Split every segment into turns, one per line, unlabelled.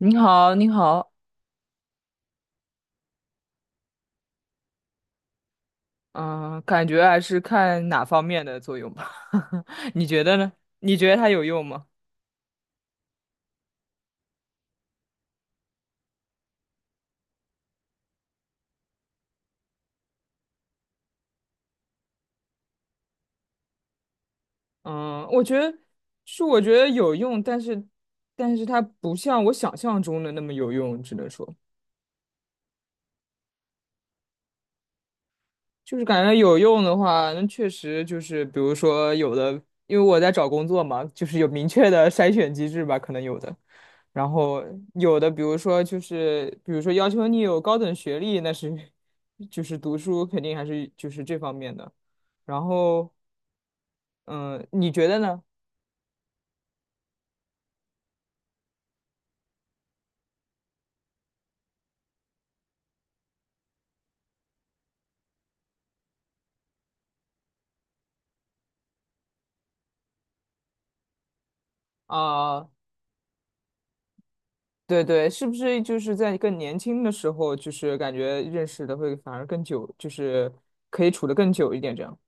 你好，你好，嗯，感觉还是看哪方面的作用吧。你觉得呢？你觉得它有用吗？嗯，我觉得是，我觉得有用，但是它不像我想象中的那么有用，只能说，就是感觉有用的话，那确实就是，比如说有的，因为我在找工作嘛，就是有明确的筛选机制吧，可能有的。然后有的，比如说要求你有高等学历，那是就是读书肯定还是就是这方面的。然后，嗯，你觉得呢？啊，对对，是不是就是在更年轻的时候，就是感觉认识的会反而更久，就是可以处得更久一点这样？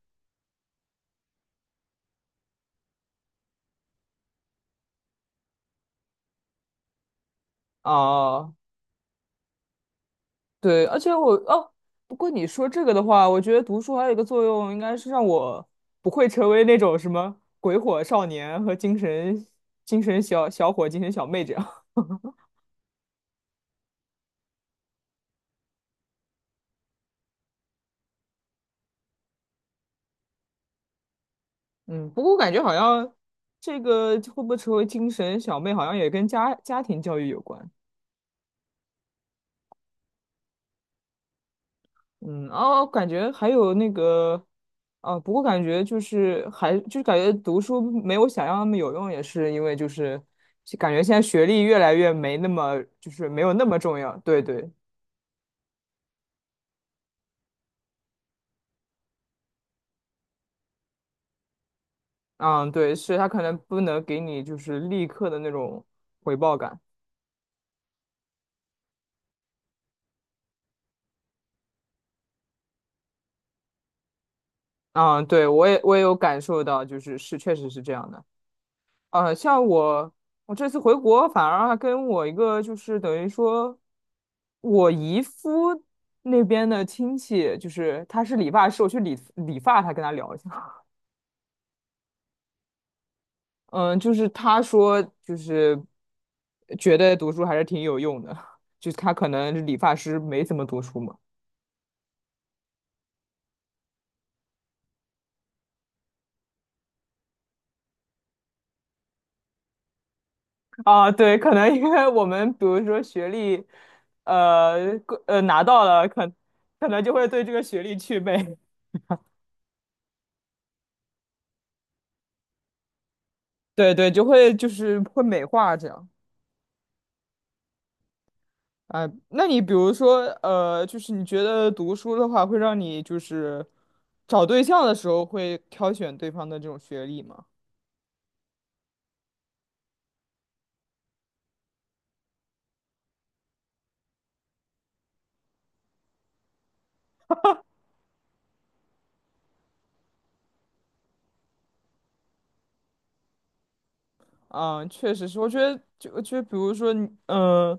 啊。对，而且我哦，不过你说这个的话，我觉得读书还有一个作用，应该是让我不会成为那种什么鬼火少年和精神小伙、精神小妹这样。嗯，不过我感觉好像这个会不会成为精神小妹，好像也跟家庭教育有关。嗯，哦，感觉还有那个，啊，不过感觉就是还就是感觉读书没有想象那么有用，也是因为就是感觉现在学历越来越没那么就是没有那么重要。对对。嗯，对，是他可能不能给你就是立刻的那种回报感。嗯，对，我也有感受到，就是是确实是这样的。像我这次回国，反而还跟我一个就是等于说我姨夫那边的亲戚，就是他是理发师，我去理发，他跟他聊一下。嗯，就是他说就是觉得读书还是挺有用的，就是他可能理发师没怎么读书嘛。啊，对，可能因为我们比如说学历，过拿到了，可能就会对这个学历祛魅，对对，就会就是会美化这样。啊、那你比如说，就是你觉得读书的话，会让你就是找对象的时候会挑选对方的这种学历吗？啊、确实是，我觉得就比如说你，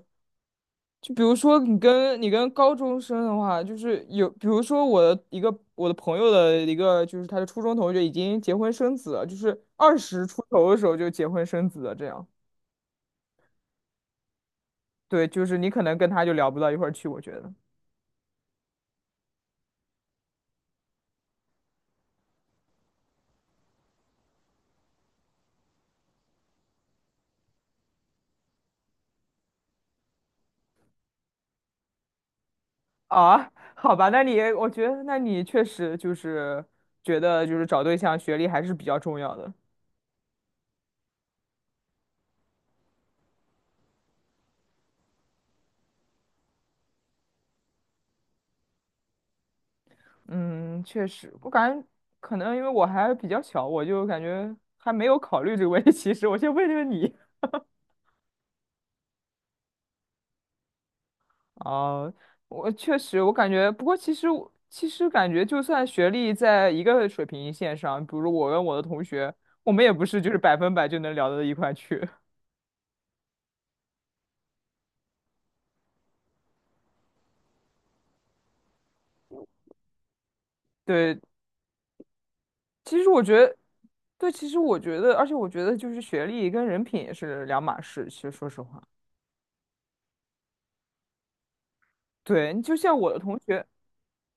就比如说你跟高中生的话，就是有，比如说我的朋友的一个，就是他的初中同学已经结婚生子了，就是二十出头的时候就结婚生子了，这样。对，就是你可能跟他就聊不到一块儿去，我觉得。啊，好吧，我觉得那你确实就是觉得就是找对象学历还是比较重要的。嗯，确实，我感觉可能因为我还比较小，我就感觉还没有考虑这个问题。其实我先问问你。啊，我确实，我感觉，不过其实感觉，就算学历在一个水平线上，比如我跟我的同学，我们也不是就是百分百就能聊到一块去。对，其实我觉得，对，其实我觉得，而且我觉得，就是学历跟人品也是两码事。其实说实话，对，你就像我的同学，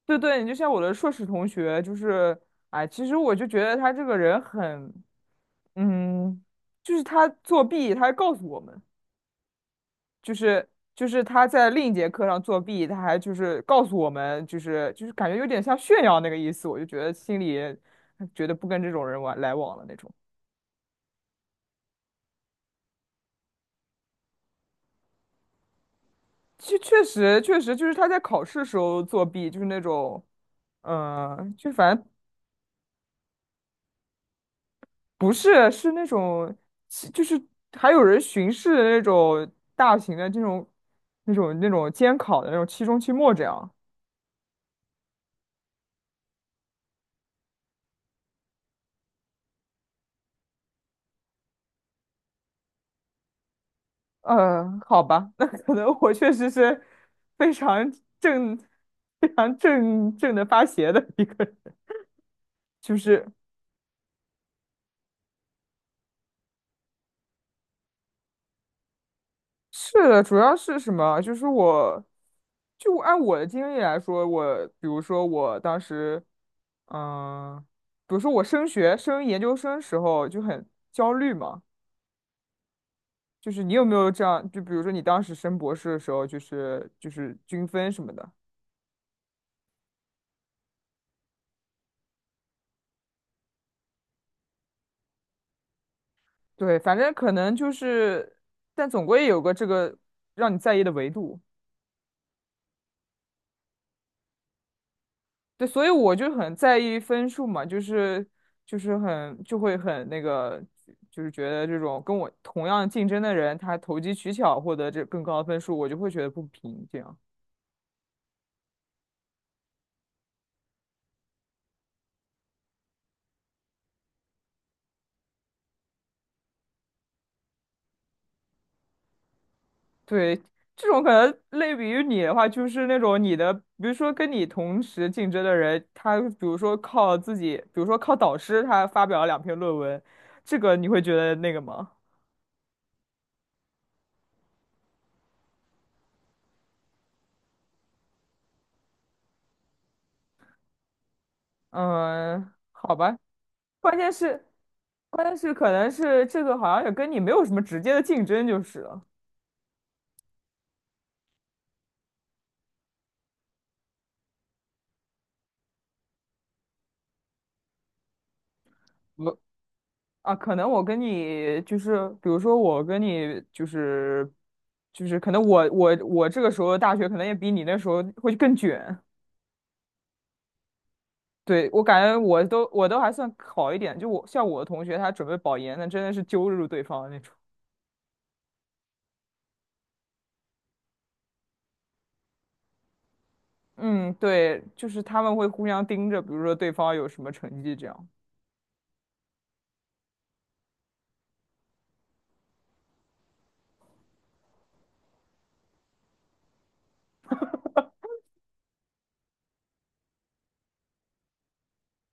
对对，你就像我的硕士同学，就是，哎，其实我就觉得他这个人很，嗯，就是他作弊，他还告诉我们。就是就是他在另一节课上作弊，他还就是告诉我们，就是感觉有点像炫耀那个意思，我就觉得心里觉得不跟这种人玩来往了那种。其实确实确实就是他在考试时候作弊，就是那种就反正不是是那种就是还有人巡视那种大型的这种那种监考的那种期中期末这样。嗯，好吧，那可能我确实是非常正、非常正正的发邪的一个人，就是是的，主要是什么？就是我，就按我的经历来说，我比如说我当时，嗯，比如说我升学、升研究生时候就很焦虑嘛，就是你有没有这样？就比如说你当时升博士的时候，就是均分什么的。对，反正可能就是，但总归有个这个让你在意的维度。对，所以我就很在意分数嘛，就是就是很就会很那个，就是觉得这种跟我同样竞争的人，他投机取巧获得这更高的分数，我就会觉得不平。这样，对，这种可能类比于你的话，就是那种你的，比如说跟你同时竞争的人，他比如说靠自己，比如说靠导师，他发表了2篇论文，这个你会觉得那个吗？嗯，好吧，关键是，关键是可能是这个好像也跟你没有什么直接的竞争就是了。我啊，可能我跟你就是，比如说我跟你就是，就是可能我这个时候的大学可能也比你那时候会更卷。对，我感觉我都还算好一点，就我像我的同学他准备保研，那真的是揪住对方的那种。嗯，对，就是他们会互相盯着，比如说对方有什么成绩这样。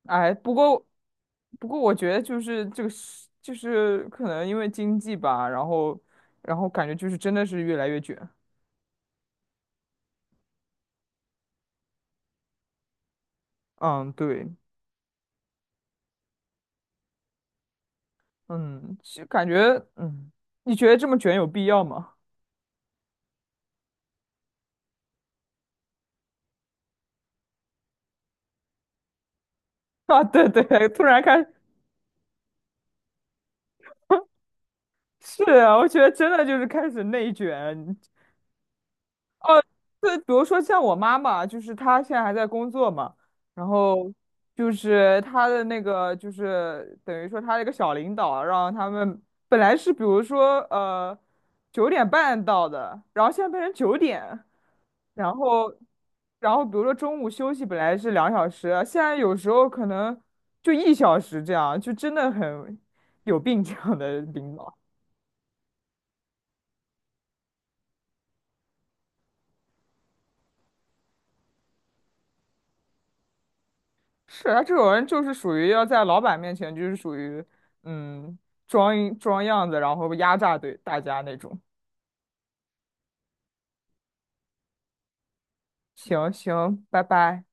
哎，不过，我觉得就是这个是，就是可能因为经济吧，然后，感觉就是真的是越来越卷。嗯，对，嗯，就感觉，嗯，你觉得这么卷有必要吗？啊，对对，突然开始，是啊，我觉得真的就是开始内卷，对，比如说像我妈妈，就是她现在还在工作嘛，然后就是她的那个，就是等于说她的一个小领导啊，让他们本来是比如说9:30到的，然后现在变成九点，然后然后比如说中午休息本来是2小时，现在有时候可能就1小时这样，就真的很有病这样的领导。是啊，这种人就是属于要在老板面前就是属于嗯装一装样子，然后压榨对大家那种。行行，拜拜。